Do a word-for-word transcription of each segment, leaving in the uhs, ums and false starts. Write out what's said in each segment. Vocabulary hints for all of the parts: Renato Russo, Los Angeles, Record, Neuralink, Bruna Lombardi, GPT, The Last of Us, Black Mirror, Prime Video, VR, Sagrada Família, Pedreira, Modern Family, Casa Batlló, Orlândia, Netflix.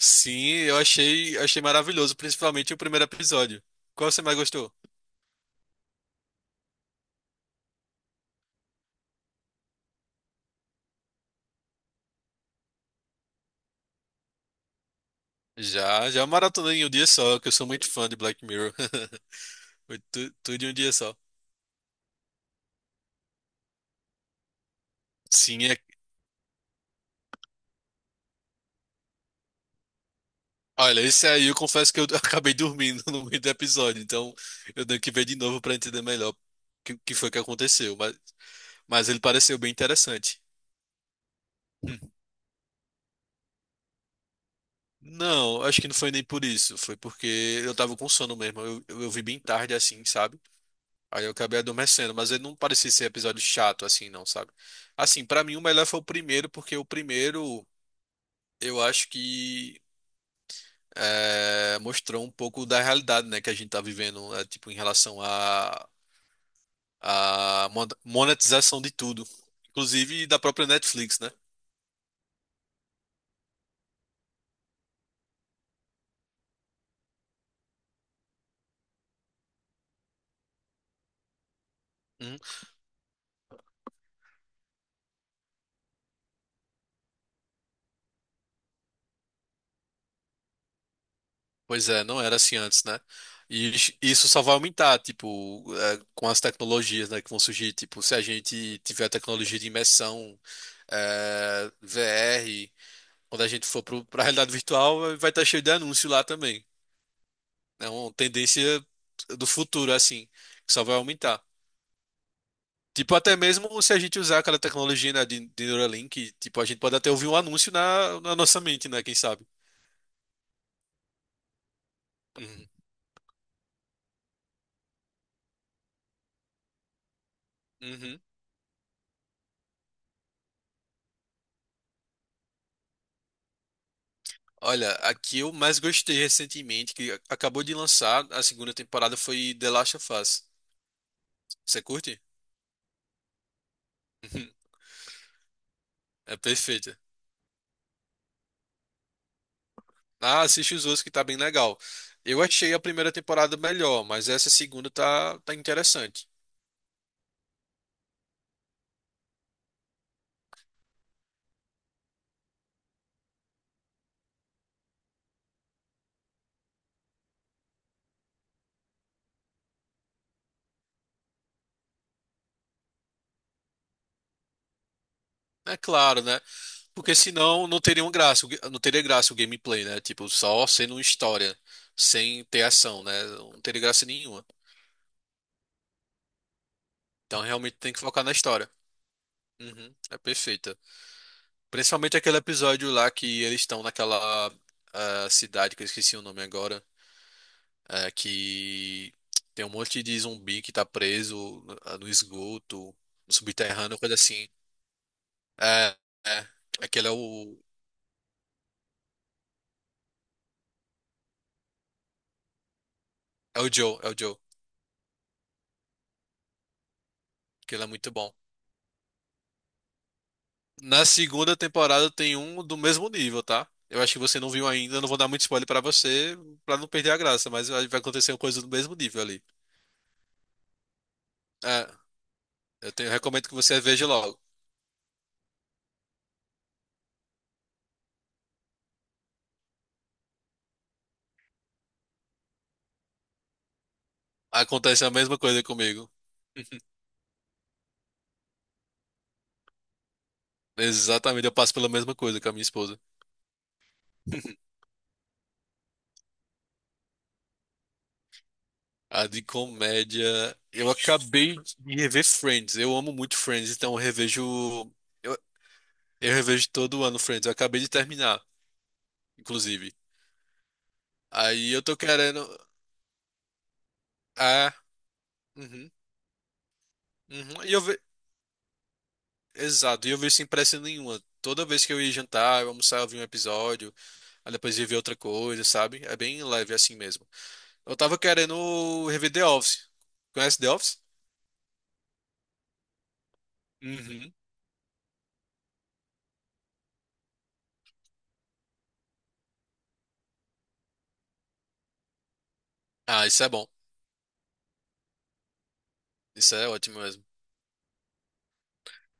Sim, eu achei, achei maravilhoso, principalmente o primeiro episódio. Qual você mais gostou? Já, já maratonei em um dia só, que eu sou muito fã de Black Mirror. Foi tu- tudo em um dia só. Sim, é... olha, esse aí eu confesso que eu acabei dormindo no meio do episódio, então eu tenho que ver de novo para entender melhor o que, que foi que aconteceu, mas, mas ele pareceu bem interessante. Hum. Não, acho que não foi nem por isso, foi porque eu tava com sono mesmo, eu, eu, eu vi bem tarde assim, sabe? Aí eu acabei adormecendo, mas ele não parecia ser episódio chato assim, não, sabe? Assim, pra mim o melhor foi o primeiro, porque o primeiro eu acho que é, mostrou um pouco da realidade, né, que a gente tá vivendo, é, tipo, em relação à à mon- monetização de tudo, inclusive da própria Netflix, né? Uhum. Pois é, não era assim antes, né? E is- isso só vai aumentar, tipo, é, com as tecnologias, né, que vão surgir. Tipo, se a gente tiver tecnologia de imersão, é, V R. Quando a gente for para a realidade virtual, vai vai estar cheio de anúncio lá também. É uma tendência do futuro, assim, que só vai aumentar. Tipo, até mesmo se a gente usar aquela tecnologia, né, de, de Neuralink, tipo, a gente pode até ouvir um anúncio na, na nossa mente, né? Quem sabe? Uhum. Uhum. Olha, aqui eu mais gostei recentemente, que a- acabou de lançar a segunda temporada, foi The Last of Us. Você curte? Uhum. É perfeita. Ah, assiste os outros que tá bem legal. Eu achei a primeira temporada melhor, mas essa segunda tá, tá interessante. É claro, né? Porque senão não teria um graça, o ga- não teria graça o gameplay, né? Tipo, só sendo uma história, sem ter ação, né? Não teria graça nenhuma. Então realmente tem que focar na história. Uhum, é perfeita. Principalmente aquele episódio lá que eles estão naquela ah, cidade que eu esqueci o nome agora, é, que tem um monte de zumbi que tá preso no, no esgoto, no subterrâneo, coisa assim. É, é. Aquele é o É o Joe, é o Joe. Aquele é muito bom. Na segunda temporada tem um do mesmo nível, tá? Eu acho que você não viu ainda, eu não vou dar muito spoiler pra você, pra não perder a graça, mas vai acontecer uma coisa do mesmo nível ali. É, eu tenho- recomendo que você veja logo. Acontece a mesma coisa comigo. Exatamente, eu passo pela mesma coisa com a minha esposa. A de comédia. Eu acabei de rever Friends. Eu amo muito Friends, então eu revejo. Eu, eu revejo todo ano Friends. Eu acabei de terminar, inclusive. Aí eu tô querendo. Ah, uhum, uhum. E eu, ve- Exato, e eu vi sem pressa nenhuma. Toda vez que eu ia jantar, eu almoçava, eu via um episódio, aí depois ia ver outra coisa, sabe? É bem leve é assim mesmo. Eu tava querendo rever The Office. Conhece The Office? Uhum. Ah, isso é bom. Isso é ótimo mesmo.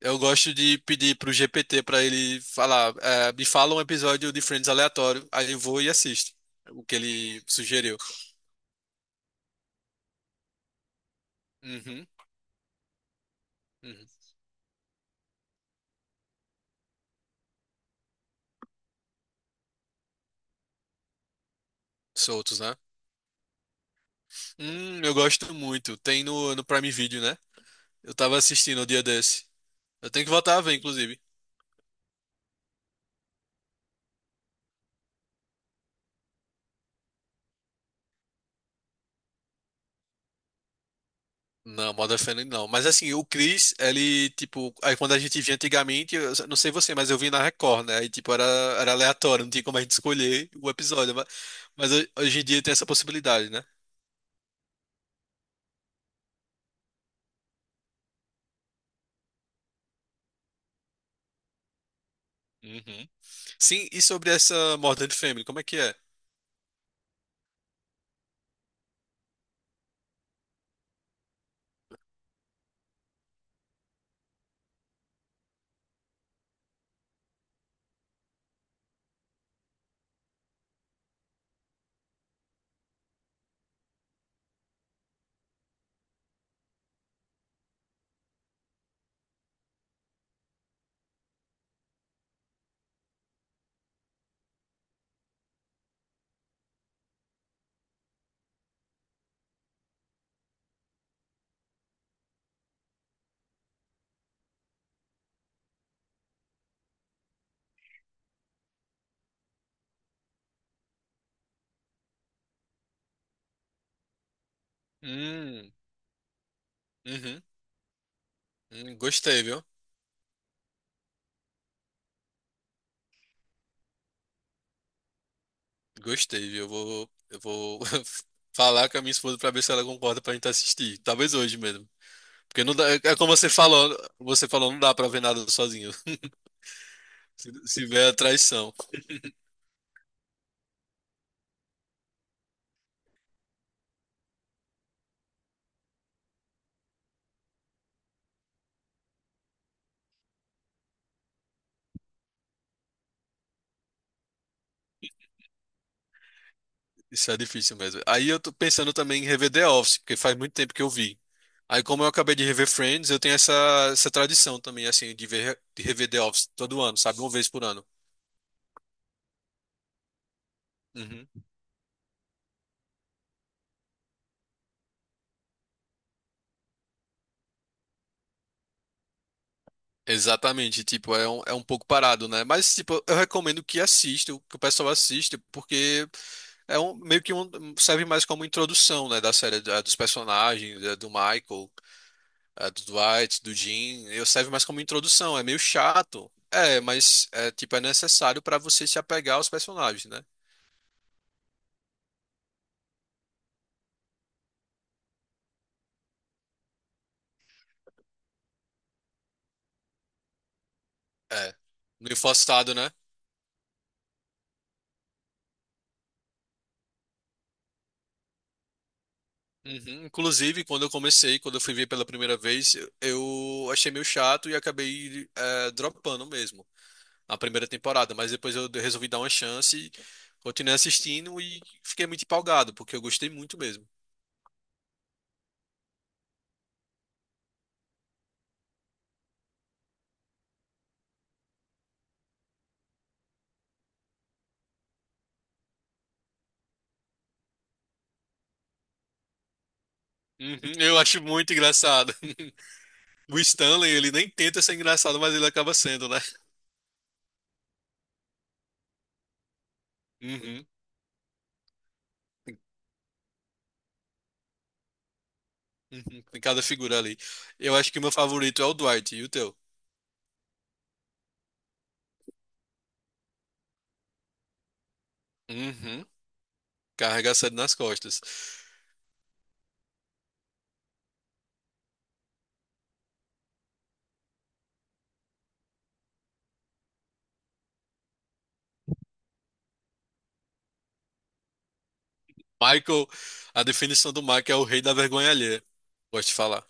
Eu gosto de pedir pro G P T pra ele falar, eh, me fala um episódio de Friends aleatório, aí eu vou e assisto o que ele sugeriu. Uhum, uhum. Soltos, né? Hum, eu gosto muito. Tem no, no Prime Video, né? Eu tava assistindo o dia desse. Eu tenho que voltar a ver, inclusive. Não, Modern Family não. Mas assim, o Chris, ele, tipo, aí quando a gente via antigamente, eu não sei você, mas eu vi na Record, né? Aí, tipo, era, era aleatório, não tinha como a gente escolher o episódio. Mas, mas ho- hoje em dia tem essa possibilidade, né? Uhum. Sim, e sobre essa Modern Family, como é que é? Hum, uhum, hum, gostei, viu? Gostei, viu? Eu vou, eu vou falar com a minha esposa pra ver se ela concorda pra gente assistir. Talvez hoje mesmo. Porque não dá, é como você falou, você falou, não dá pra ver nada sozinho. Se, se vier a traição. Isso é difícil mesmo. Aí eu tô pensando também em rever The Office, porque faz muito tempo que eu vi. Aí, como eu acabei de rever Friends, eu tenho essa, essa tradição também, assim, de ver, de rever The Office todo ano, sabe? Uma vez por ano. Uhum. Exatamente, tipo, é um, é um pouco parado, né? Mas, tipo, eu recomendo que assista, que o pessoal assista, porque é um, meio que um, serve mais como introdução, né, da série, da- dos personagens, da- do Michael. A do Dwight, do Jim, eu serve mais como introdução, é meio chato. É, mas é tipo é necessário pra você se apegar aos personagens, né? É. Meio forçado, né? Uhum. Inclusive, quando eu comecei, quando eu fui ver pela primeira vez, eu eu achei meio chato e acabei é, dropando mesmo na primeira temporada, mas depois eu resolvi dar uma chance, continuei assistindo e fiquei muito empolgado, porque eu gostei muito mesmo. Uhum, eu acho muito engraçado. O Stanley, ele nem tenta ser engraçado, mas ele acaba sendo, né? Uhum. Uhum, em cada figura ali. Eu acho que o meu favorito é o Dwight e o teu. Uhum. Carrega a série nas costas. Michael, a definição do Michael é o rei da vergonha alheia. Gosto de falar.